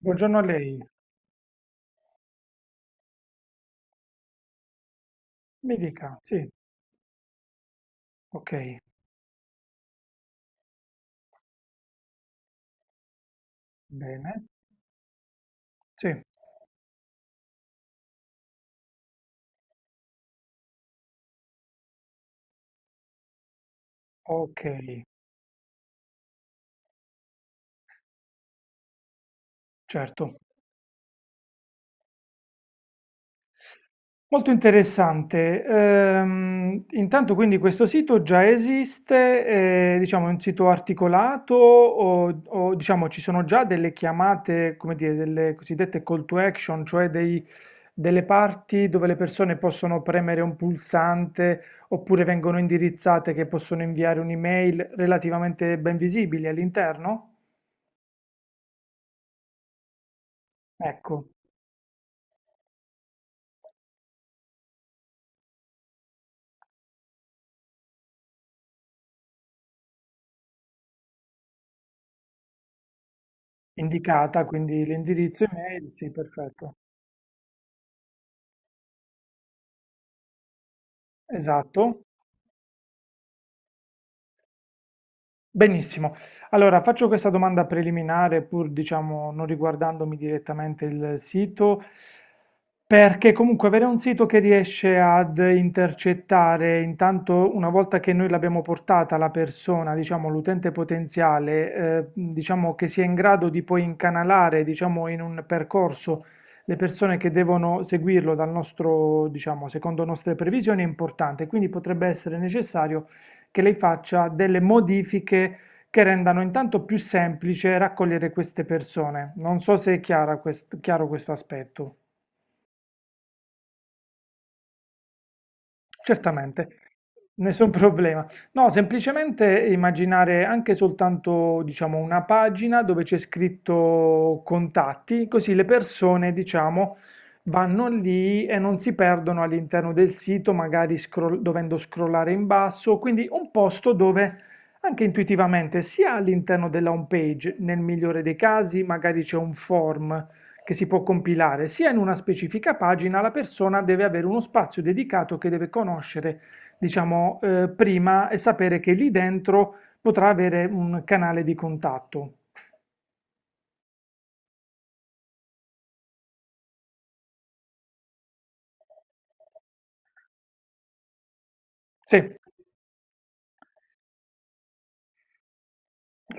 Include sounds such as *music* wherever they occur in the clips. Buongiorno a lei, mi dica, sì, ok, bene, sì, ok, certo. Molto interessante. Intanto quindi questo sito già esiste, diciamo è un sito articolato o diciamo ci sono già delle chiamate, come dire, delle cosiddette call to action, delle parti dove le persone possono premere un pulsante oppure vengono indirizzate che possono inviare un'email relativamente ben visibili all'interno? Ecco, indicata, quindi l'indirizzo email, sì, perfetto. Esatto. Benissimo. Allora, faccio questa domanda preliminare, pur diciamo non riguardandomi direttamente il sito, perché comunque avere un sito che riesce ad intercettare, intanto una volta che noi l'abbiamo portata la persona, diciamo l'utente potenziale, diciamo che sia in grado di poi incanalare, diciamo in un percorso le persone che devono seguirlo dal nostro, diciamo, secondo nostre previsioni è importante, quindi potrebbe essere necessario che lei faccia delle modifiche che rendano intanto più semplice raccogliere queste persone. Non so se è chiaro questo aspetto. Certamente, nessun *laughs* problema. No, semplicemente immaginare anche soltanto, diciamo, una pagina dove c'è scritto contatti, così le persone, diciamo, vanno lì e non si perdono all'interno del sito, dovendo scrollare in basso, quindi un posto dove anche intuitivamente, sia all'interno della home page, nel migliore dei casi, magari c'è un form che si può compilare sia in una specifica pagina, la persona deve avere uno spazio dedicato che deve conoscere, diciamo, prima e sapere che lì dentro potrà avere un canale di contatto. Sì,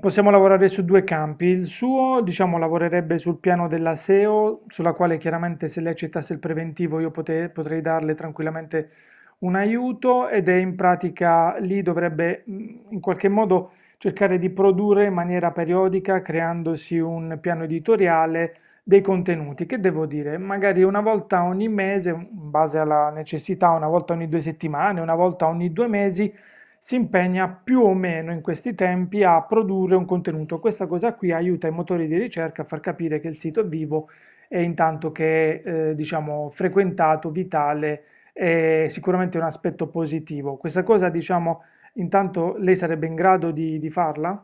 possiamo lavorare su due campi. Il suo, diciamo, lavorerebbe sul piano della SEO, sulla quale chiaramente se lei accettasse il preventivo potrei darle tranquillamente un aiuto ed è in pratica lì dovrebbe in qualche modo cercare di produrre in maniera periodica, creandosi un piano editoriale dei contenuti, che devo dire, magari una volta ogni mese, in base alla necessità, una volta ogni due settimane, una volta ogni due mesi si impegna più o meno in questi tempi a produrre un contenuto. Questa cosa qui aiuta i motori di ricerca a far capire che il sito è vivo e intanto che è, diciamo, frequentato, vitale, è sicuramente un aspetto positivo. Questa cosa, diciamo, intanto lei sarebbe in grado di farla?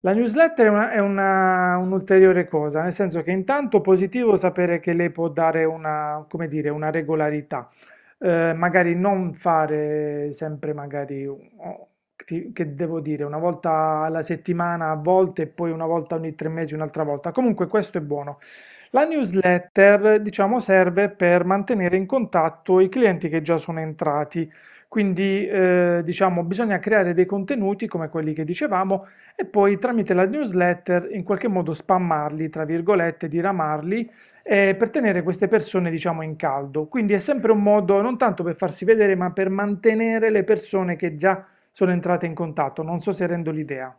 La newsletter un'ulteriore cosa, nel senso che intanto positivo sapere che lei può dare una, come dire, una regolarità. Magari non fare sempre magari che devo dire, una volta alla settimana a volte e poi una volta ogni tre mesi un'altra volta. Comunque questo è buono. La newsletter, diciamo, serve per mantenere in contatto i clienti che già sono entrati, quindi diciamo bisogna creare dei contenuti come quelli che dicevamo e poi tramite la newsletter in qualche modo spammarli, tra virgolette, diramarli, per tenere queste persone, diciamo, in caldo. Quindi è sempre un modo non tanto per farsi vedere, ma per mantenere le persone che già sono entrate in contatto. Non so se rendo l'idea.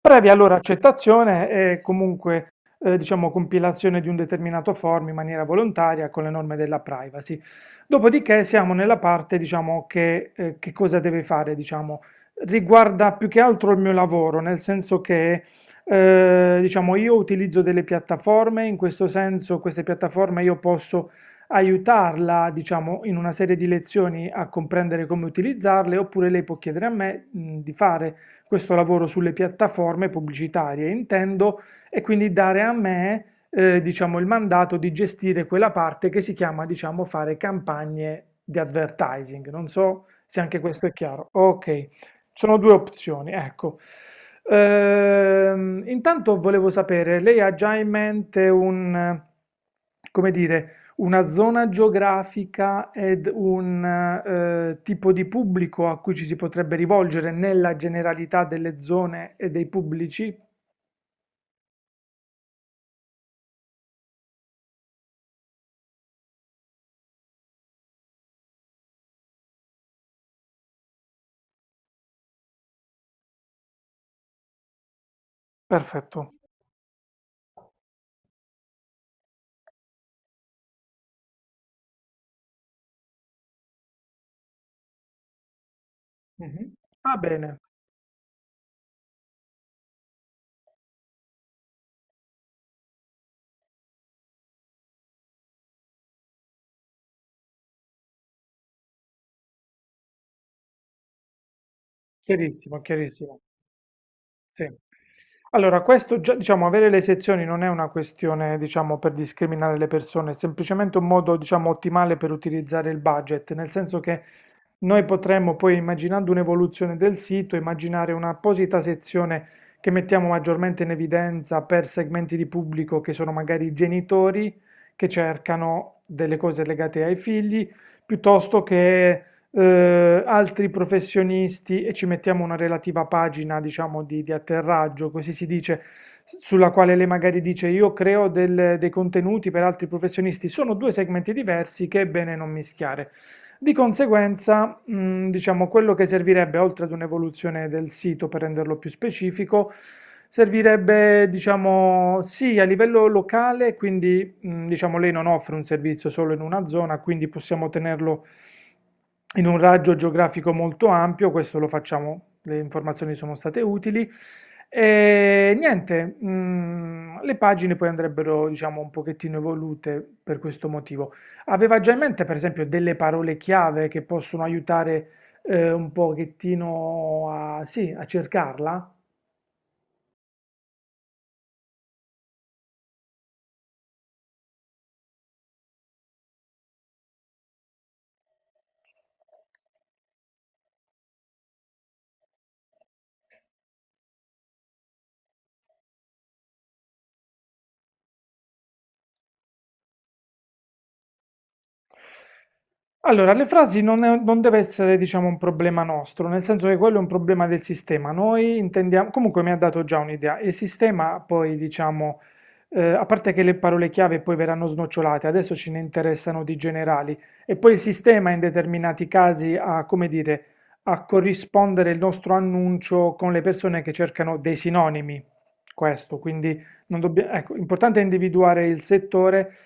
Previa allora accettazione e comunque diciamo, compilazione di un determinato form in maniera volontaria con le norme della privacy. Dopodiché siamo nella parte diciamo, che cosa deve fare, diciamo, riguarda più che altro il mio lavoro, nel senso che diciamo, io utilizzo delle piattaforme, in questo senso queste piattaforme io posso aiutarla, diciamo, in una serie di lezioni a comprendere come utilizzarle, oppure lei può chiedere a me, di fare questo lavoro sulle piattaforme pubblicitarie, intendo, e quindi dare a me, diciamo, il mandato di gestire quella parte che si chiama, diciamo, fare campagne di advertising. Non so se anche questo è chiaro. Ok, sono due opzioni, ecco. Intanto volevo sapere, lei ha già in mente un, come dire, una zona geografica ed un tipo di pubblico a cui ci si potrebbe rivolgere nella generalità delle zone e dei pubblici? Perfetto. Mhm. Va bene, chiarissimo, chiarissimo. Sì. Allora, questo già, diciamo, avere le sezioni non è una questione, diciamo, per discriminare le persone, è semplicemente un modo, diciamo, ottimale per utilizzare il budget, nel senso che noi potremmo poi, immaginando un'evoluzione del sito, immaginare un'apposita sezione che mettiamo maggiormente in evidenza per segmenti di pubblico che sono magari i genitori che cercano delle cose legate ai figli, piuttosto che altri professionisti e ci mettiamo una relativa pagina, diciamo, di atterraggio, così si dice, sulla quale lei magari dice io dei contenuti per altri professionisti. Sono due segmenti diversi che è bene non mischiare. Di conseguenza, diciamo, quello che servirebbe, oltre ad un'evoluzione del sito per renderlo più specifico, servirebbe, diciamo, sì, a livello locale, quindi, diciamo, lei non offre un servizio solo in una zona, quindi possiamo tenerlo in un raggio geografico molto ampio, questo lo facciamo, le informazioni sono state utili. E niente, le pagine poi andrebbero, diciamo, un pochettino evolute per questo motivo. Aveva già in mente, per esempio, delle parole chiave che possono aiutare un pochettino a, sì, a cercarla? Allora, le frasi non deve essere, diciamo, un problema nostro, nel senso che quello è un problema del sistema. Noi intendiamo, comunque mi ha dato già un'idea, il sistema poi, diciamo, a parte che le parole chiave poi verranno snocciolate, adesso ce ne interessano di generali, e poi il sistema in determinati casi ha, come dire, a corrispondere il nostro annuncio con le persone che cercano dei sinonimi. Questo, quindi non dobbia- ecco, l'importante è individuare il settore.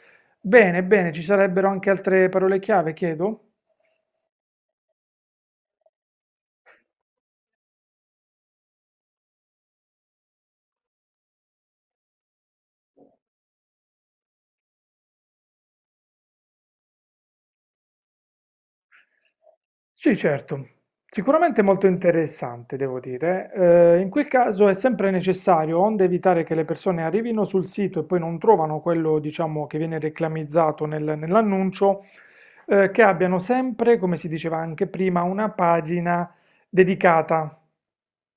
Bene, bene, ci sarebbero anche altre parole chiave, chiedo? Sì, certo. Sicuramente molto interessante, devo dire. In quel caso è sempre necessario, onde evitare che le persone arrivino sul sito e poi non trovano quello, diciamo, che viene reclamizzato nell'annuncio, che abbiano sempre, come si diceva anche prima, una pagina dedicata.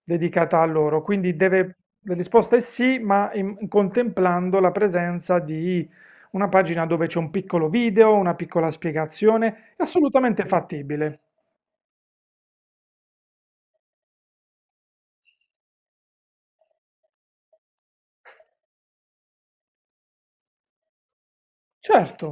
dedicata a loro. La risposta è sì, ma contemplando la presenza di una pagina dove c'è un piccolo video, una piccola spiegazione, è assolutamente fattibile. Certo.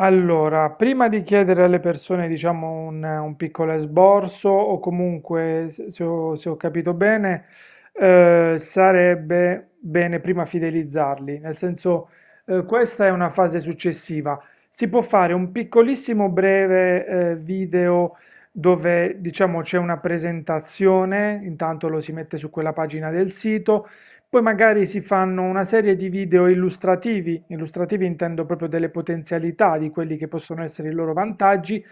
Allora, prima di chiedere alle persone, diciamo, un piccolo esborso o comunque, se ho capito bene, sarebbe bene prima fidelizzarli, nel senso, questa è una fase successiva. Si può fare un piccolissimo breve, video dove, diciamo, c'è una presentazione, intanto lo si mette su quella pagina del sito, poi magari si fanno una serie di video illustrativi, illustrativi intendo proprio delle potenzialità di quelli che possono essere i loro vantaggi,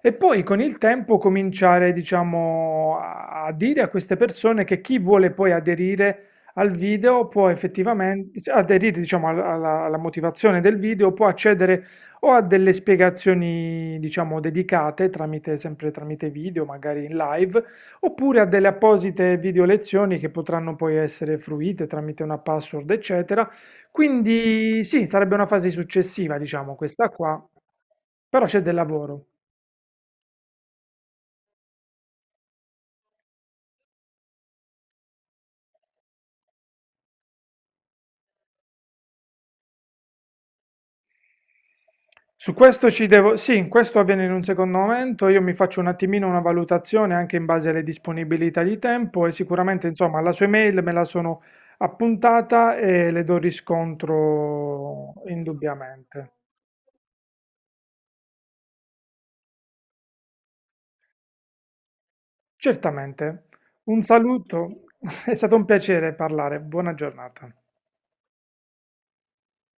e poi con il tempo cominciare, diciamo, a dire a queste persone che chi vuole poi aderire al video può effettivamente sì, aderire, diciamo, alla motivazione del video, può accedere o a delle spiegazioni, diciamo, dedicate tramite, sempre tramite video, magari in live, oppure a delle apposite videolezioni che potranno poi essere fruite tramite una password, eccetera. Quindi sì, sarebbe una fase successiva, diciamo, questa qua, però c'è del lavoro. Su questo ci devo, sì, questo avviene in un secondo momento, io mi faccio un attimino una valutazione anche in base alle disponibilità di tempo e sicuramente, insomma, la sua email me la sono appuntata e le do riscontro indubbiamente. Certamente. Un saluto, *laughs* è stato un piacere parlare, buona giornata.